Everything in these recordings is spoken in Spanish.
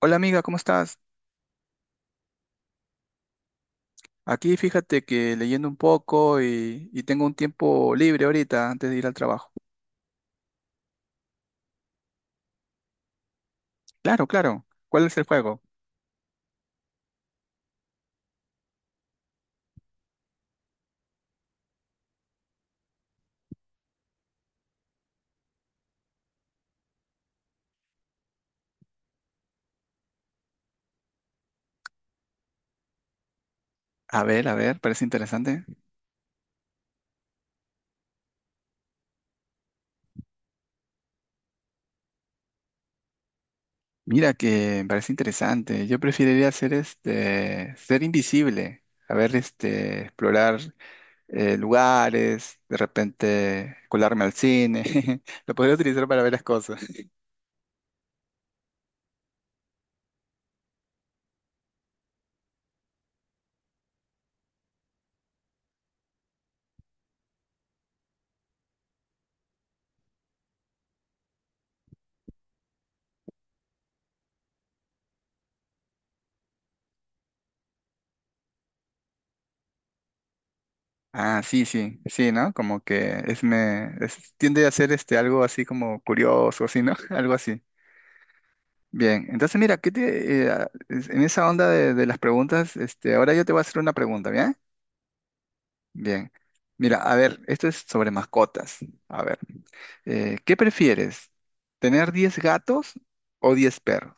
Hola amiga, ¿cómo estás? Aquí fíjate que leyendo un poco y tengo un tiempo libre ahorita antes de ir al trabajo. Claro, claro. ¿Cuál es el juego? A ver, parece interesante. Mira que me parece interesante. Yo preferiría ser ser invisible. A ver, explorar lugares, de repente colarme al cine. Lo podría utilizar para ver las cosas. Ah, sí, sí, sí, ¿no? Como que tiende a ser algo así como curioso, así, ¿no? Algo así. Bien, entonces mira, ¿qué te, a- es- en esa onda de las preguntas, ahora yo te voy a hacer una pregunta, ¿bien? Bien. Mira, a ver, esto es sobre mascotas. A ver, ¿qué prefieres? ¿Tener 10 gatos o 10 perros?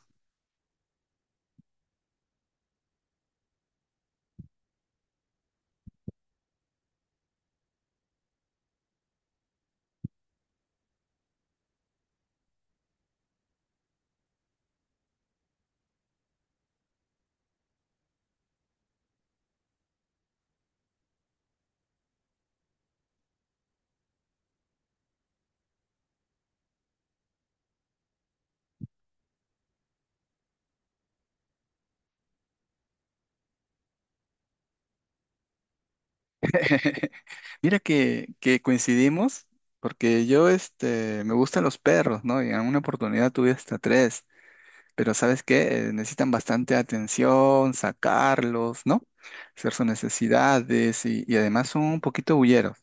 Mira que coincidimos, porque yo me gustan los perros, ¿no? Y en alguna oportunidad tuve hasta tres, pero ¿sabes qué? Necesitan bastante atención, sacarlos, ¿no? Hacer sus necesidades y además son un poquito bulleros.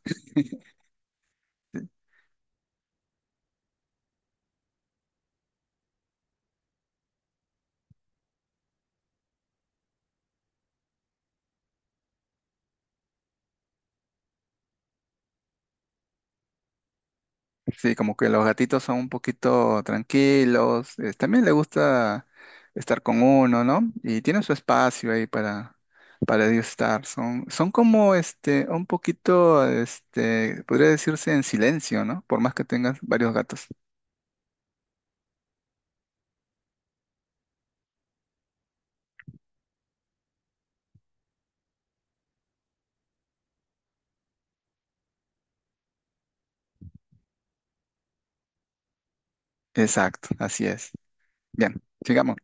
Sí, como que los gatitos son un poquito tranquilos, también le gusta estar con uno, ¿no? Y tienen su espacio ahí para ellos estar. Son como un poquito, podría decirse en silencio, ¿no? Por más que tengas varios gatos. Exacto, así es. Bien, sigamos.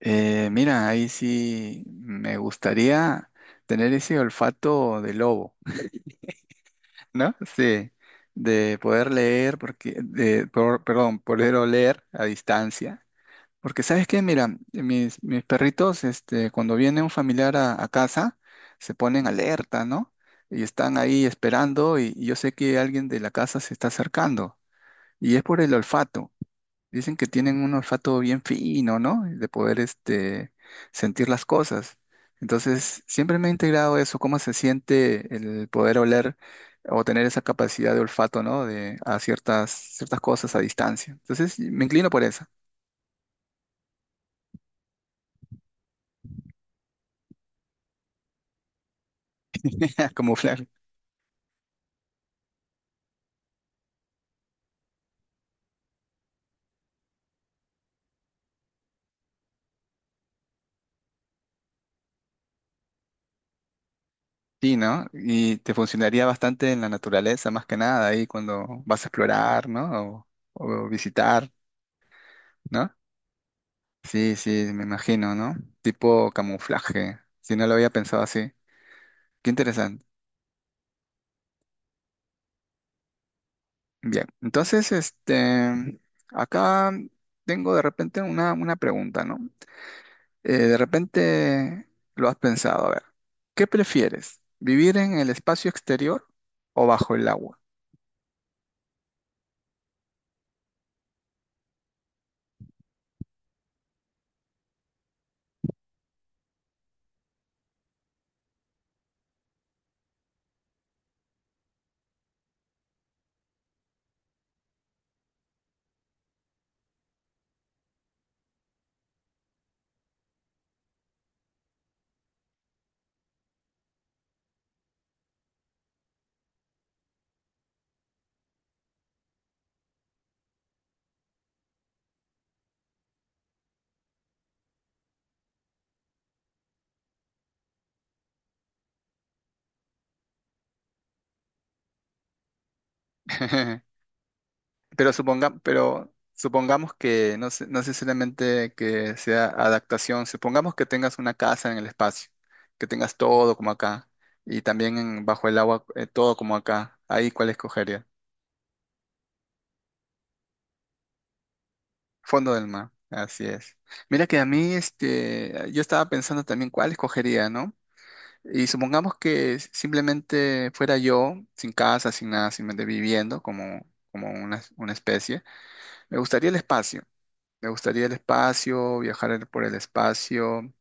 Mira, ahí sí me gustaría tener ese olfato de lobo. ¿No? Sí, de poder leer, porque, de, por- perdón, poder oler a distancia. Porque, ¿sabes qué? Mira, mis perritos, cuando viene un familiar a casa, se ponen alerta, ¿no? Y están ahí esperando y yo sé que alguien de la casa se está acercando. Y es por el olfato. Dicen que tienen un olfato bien fino, ¿no? De poder, sentir las cosas. Entonces, siempre me ha integrado eso, cómo se siente el poder oler o tener esa capacidad de olfato, ¿no? De a ciertas cosas a distancia. Entonces, me inclino por esa, camuflar. Sí, ¿no? Y te funcionaría bastante en la naturaleza, más que nada, ahí cuando vas a explorar, ¿no? O visitar, ¿no? Sí, sí, me imagino, ¿no? Tipo camuflaje. Si no lo había pensado así. Qué interesante. Bien, entonces, acá tengo de repente una pregunta, ¿no? De repente lo has pensado, a ver, ¿qué prefieres? ¿Vivir en el espacio exterior o bajo el agua? Pero supongamos que no necesariamente que sea adaptación, supongamos que tengas una casa en el espacio, que tengas todo como acá, y también bajo el agua, todo como acá, ahí cuál escogerías. Fondo del mar, así es. Mira que a mí, yo estaba pensando también cuál escogería, ¿no? Y supongamos que simplemente fuera yo, sin casa, sin nada, simplemente viviendo como, como una especie, me gustaría el espacio. Me gustaría el espacio, viajar por el espacio,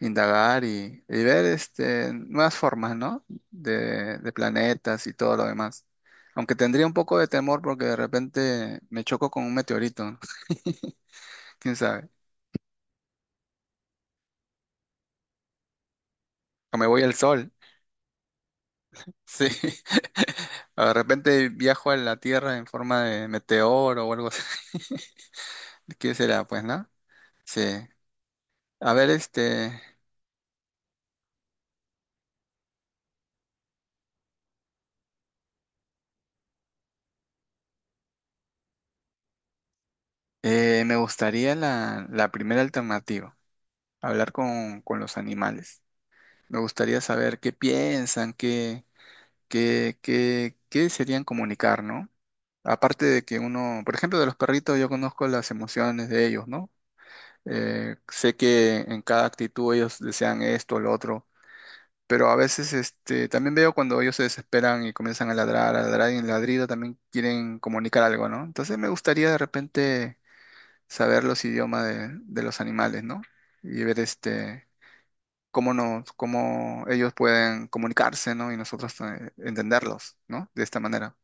indagar y ver nuevas formas, ¿no? De planetas y todo lo demás. Aunque tendría un poco de temor porque de repente me choco con un meteorito, quién sabe, o me voy al sol. Sí. O de repente viajo a la Tierra en forma de meteoro o algo así. ¿Qué será, pues, no? Sí. A ver, me gustaría la primera alternativa, hablar con los animales. Me gustaría saber qué piensan, qué serían comunicar, ¿no? Aparte de que uno, por ejemplo, de los perritos yo conozco las emociones de ellos, ¿no? Sé que en cada actitud ellos desean esto o lo otro. Pero a veces también veo cuando ellos se desesperan y comienzan a ladrar y en ladrido también quieren comunicar algo, ¿no? Entonces me gustaría de repente saber los idiomas de los animales, ¿no? Y ver cómo ellos pueden comunicarse, ¿no? Y nosotros entenderlos, ¿no? De esta manera.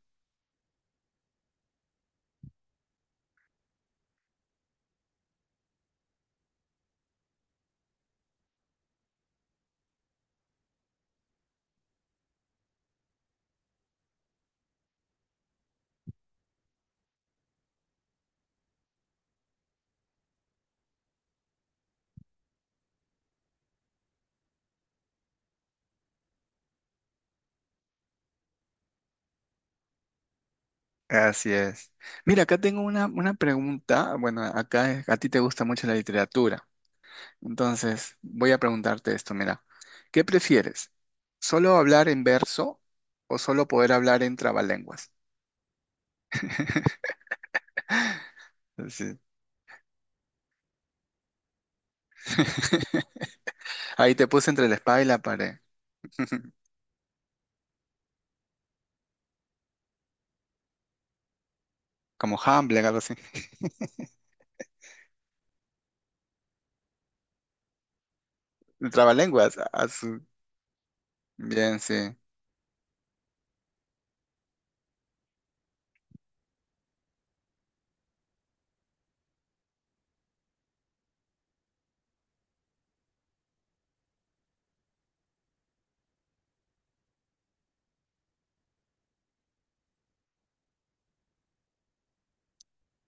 Así es. Mira, acá tengo una pregunta. Bueno, acá a ti te gusta mucho la literatura. Entonces, voy a preguntarte esto, mira, ¿qué prefieres? ¿Solo hablar en verso o solo poder hablar en trabalenguas? Sí. Ahí te puse entre la espada y la pared, como Hamlet, algo así. Trabalenguas, bien, sí.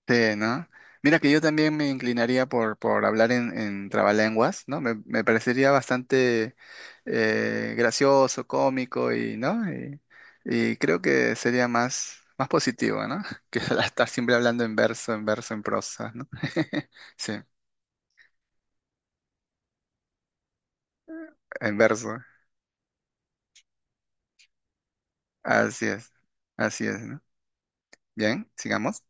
Sí, ¿no? Mira que yo también me inclinaría por hablar en trabalenguas, ¿no? Me parecería bastante gracioso, cómico y, ¿no? Y creo que sería más positivo, ¿no? Que estar siempre hablando en verso, en verso, en prosa, ¿no? Sí, en verso. Así es, así es, ¿no? Bien, sigamos.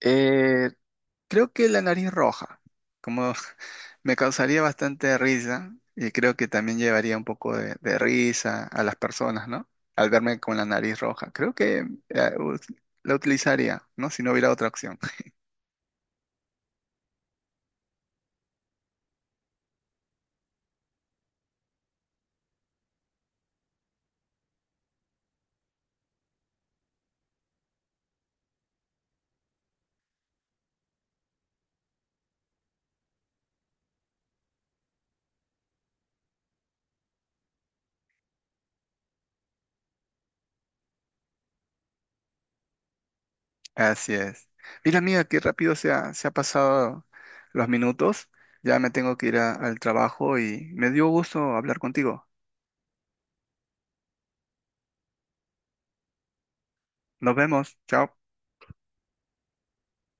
Eh, Creo que la nariz roja, como me causaría bastante risa y creo que también llevaría un poco de risa a las personas, ¿no? Al verme con la nariz roja. Creo que la utilizaría, ¿no? Si no hubiera otra opción. Así es. Mira, amiga, qué rápido se ha pasado los minutos. Ya me tengo que ir al trabajo y me dio gusto hablar contigo. Nos vemos. Chao.